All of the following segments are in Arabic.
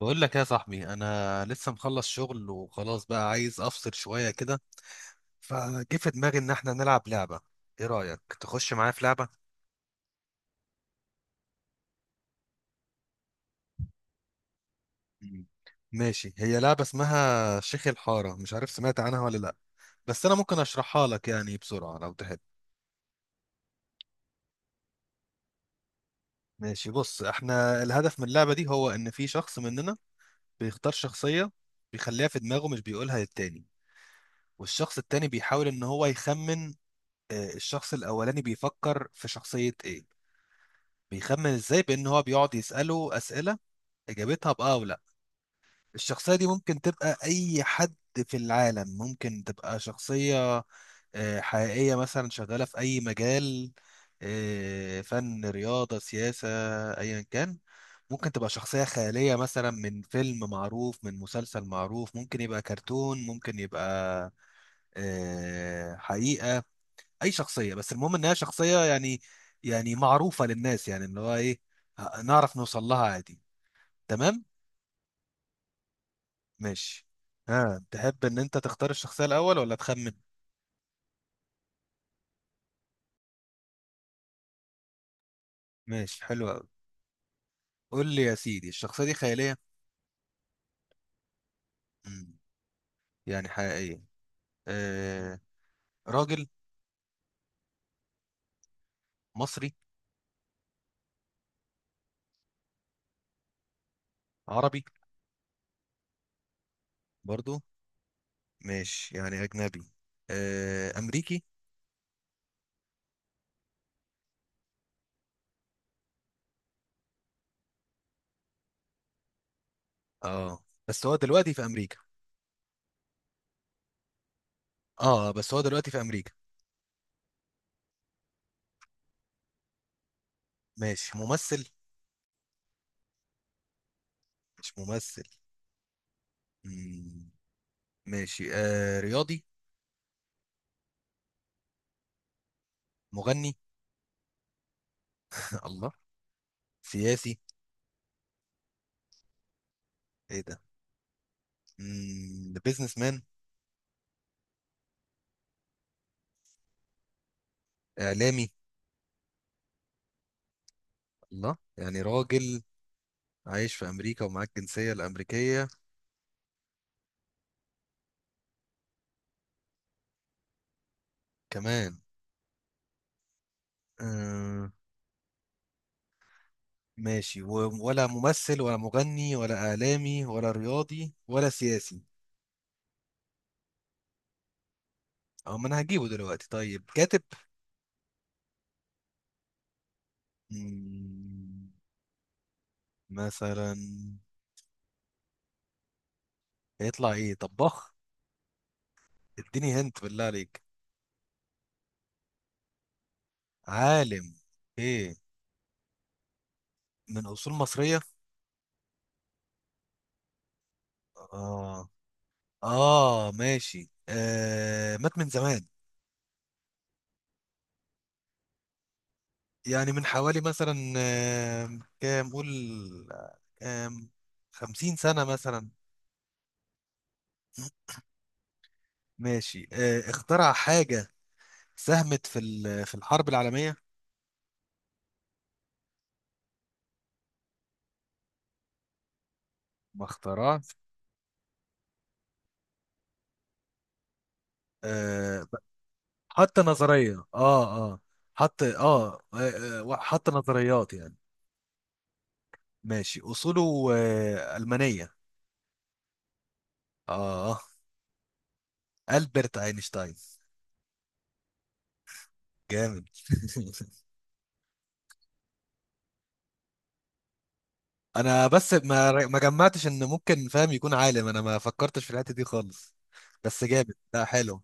بقول لك يا صاحبي، انا لسه مخلص شغل وخلاص بقى عايز افصل شويه كده. فجه في دماغي ان احنا نلعب لعبه. ايه رايك تخش معايا في لعبه؟ مم. ماشي، هي لعبه اسمها شيخ الحاره، مش عارف سمعت عنها ولا لا، بس انا ممكن اشرحها لك يعني بسرعه لو تحب. ماشي، بص، احنا الهدف من اللعبه دي هو ان في شخص مننا بيختار شخصيه، بيخليها في دماغه، مش بيقولها للتاني. والشخص التاني بيحاول ان هو يخمن الشخص الاولاني بيفكر في شخصيه ايه. بيخمن ازاي؟ بان هو بيقعد يساله اسئله اجابتها باه او لا. الشخصيه دي ممكن تبقى اي حد في العالم، ممكن تبقى شخصيه حقيقيه، مثلا شغاله في اي مجال، فن، رياضه، سياسه، ايا كان. ممكن تبقى شخصيه خياليه، مثلا من فيلم معروف، من مسلسل معروف، ممكن يبقى كرتون، ممكن يبقى حقيقه. اي شخصيه، بس المهم انها شخصيه يعني، يعني معروفه للناس، يعني اللي هو ايه، نعرف نوصل لها عادي. تمام. ماشي. ها تحب ان انت تختار الشخصيه الاول ولا تخمن؟ ماشي، حلو قوي. قول لي يا سيدي، الشخصيه دي خياليه؟ مم. يعني حقيقيه. آه. راجل. مصري. عربي. برضو ماشي، يعني اجنبي. امريكي؟ اه بس هو دلوقتي في امريكا. اه بس هو دلوقتي في امريكا. ماشي، ممثل؟ مش ممثل. مم. ماشي، رياضي؟ مغني؟ الله. سياسي؟ ايه ده. بيزنس مان؟ اعلامي؟ الله، يعني راجل عايش في امريكا ومعاك الجنسية الامريكية كمان. آه. ماشي ولا ممثل ولا مغني ولا اعلامي ولا رياضي ولا سياسي. اه، ما انا هجيبه دلوقتي. طيب كاتب؟ مم، مثلا هيطلع ايه، طباخ؟ اديني هنت بالله عليك. عالم؟ ايه، من اصول مصرية؟ اه. اه ماشي، مات من زمان، يعني من حوالي مثلا كام، قول، آه، كام، 50 سنة مثلا. ماشي، اخترع حاجة ساهمت في في الحرب العالمية؟ ما اخترعش. آه ب- حط نظرية؟ اه. اه حط اه، حط نظريات يعني. ماشي، أصوله ألمانية. اه آه. ألبرت أينشتاين. جامد انا بس ما جمعتش ان ممكن فاهم يكون عالم، انا ما فكرتش في الحته دي خالص. بس جامد، لا حلو.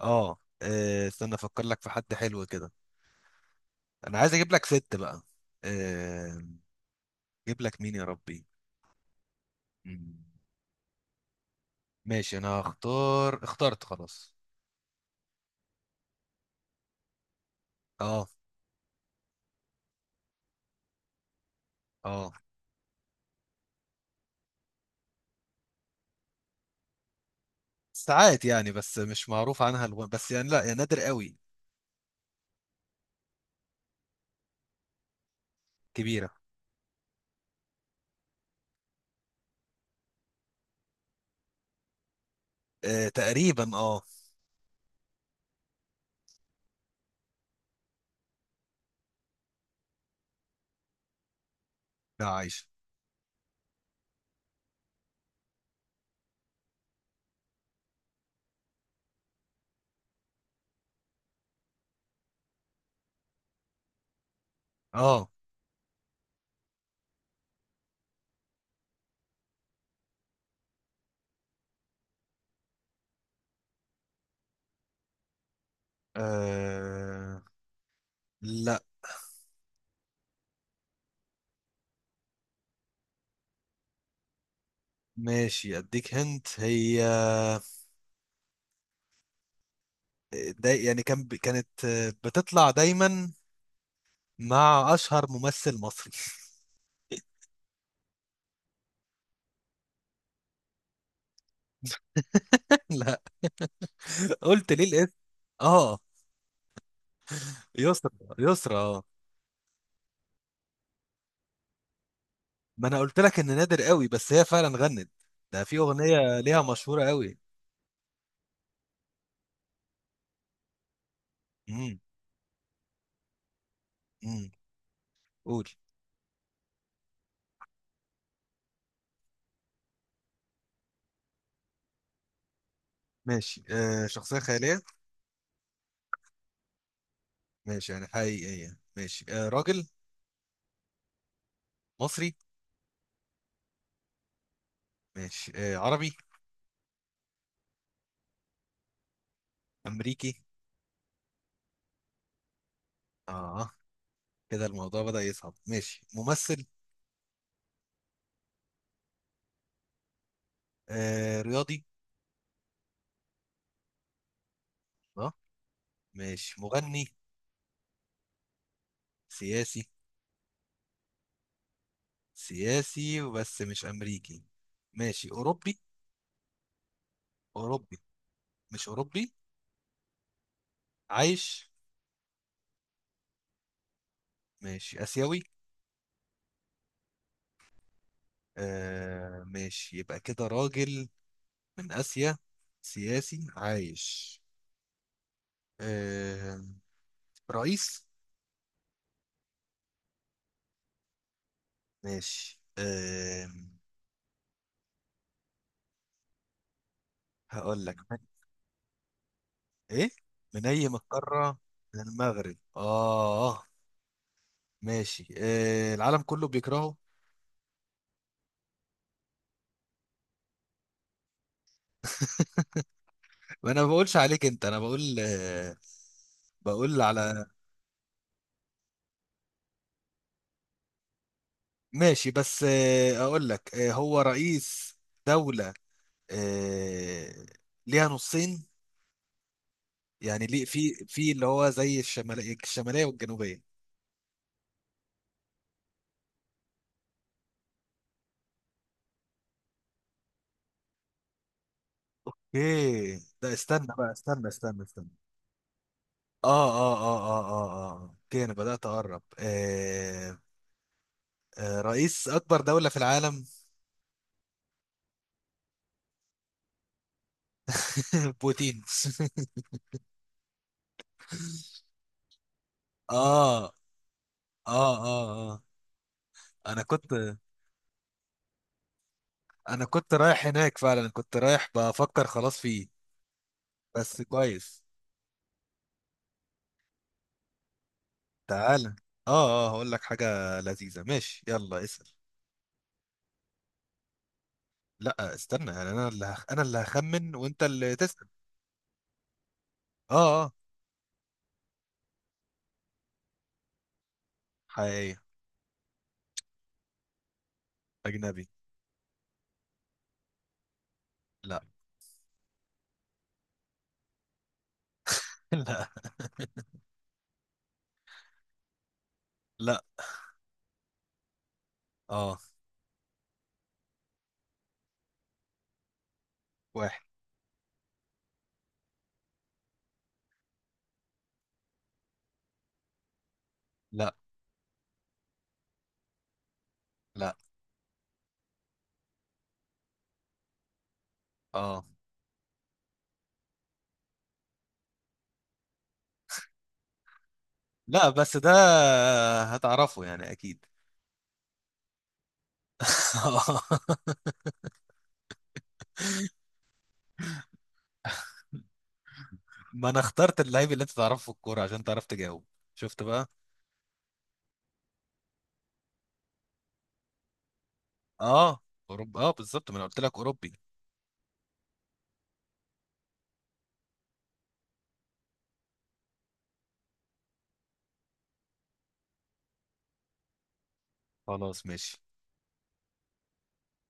اه، استنى افكر لك في حد حلو كده. انا عايز اجيب لك ست بقى. آه، اجيب لك مين يا ربي. مم. ماشي، انا هختار. اخترت خلاص. اه. اه ساعات يعني، بس مش معروف عنها بس يعني لا، يا نادر قوي. كبيره. تقريبا اه. لا عايشه. اه آه، لا. ماشي، اديك هنت هي. دا يعني كانت بتطلع دايما مع اشهر ممثل مصري. لا، قلت ليه الاسم. اه يسرا. يسرا اه. ما انا قلت لك ان نادر قوي، بس هي فعلا غنت. ده في اغنيه ليها مشهوره قوي. امم. امم. قول. ماشي، شخصيه خياليه؟ ماشي يعني حقيقيه. ماشي، راجل. مصري؟ ماشي، عربي؟ امريكي؟ اه، كده الموضوع بدأ يصعب. ماشي، ممثل؟ رياضي؟ اه. ماشي، مغني؟ سياسي؟ سياسي، وبس مش أمريكي. ماشي، أوروبي؟ أوروبي؟ مش أوروبي. عايش. ماشي، آسيوي؟ آه ماشي، يبقى كده راجل من آسيا، سياسي، عايش، آه، رئيس. ماشي، هقول لك إيه، من أي من القارة؟ من المغرب. آه ماشي، العالم كله بيكرهه؟ وأنا ما بقولش عليك أنت، أنا بقول آه، بقول على. ماشي بس اقول لك هو رئيس دولة آه، ليها نصين، يعني ليه في اللي هو زي الشمالية، الشمالية والجنوبية. ايه ده، استنى بقى، استنى استنى استنى. اه اه اه اه اه اه، اوكي، انا بدأت اقرب. آه، آه رئيس اكبر دولة في العالم. بوتين اه اه اه اه. انا كنت انا كنت رايح هناك فعلا، كنت رايح بفكر خلاص فيه. بس كويس. تعالى اه اه، هقول لك حاجة لذيذة. ماشي، يلا اسأل. لا استنى، يعني انا اللي انا اللي هخمن وانت اللي تسأل. اه اه. حقيقية. اجنبي. لا. لا. لا. اه. واحد. لا. لا. اه. لا، بس ده هتعرفه يعني اكيد. ما انا اخترت اللعيب اللي انت تعرفه في الكورة عشان تعرف تجاوب. شفت بقى. اه، اوروبا اه بالظبط، ما انا قلت لك اوروبي. خلاص، ماشي.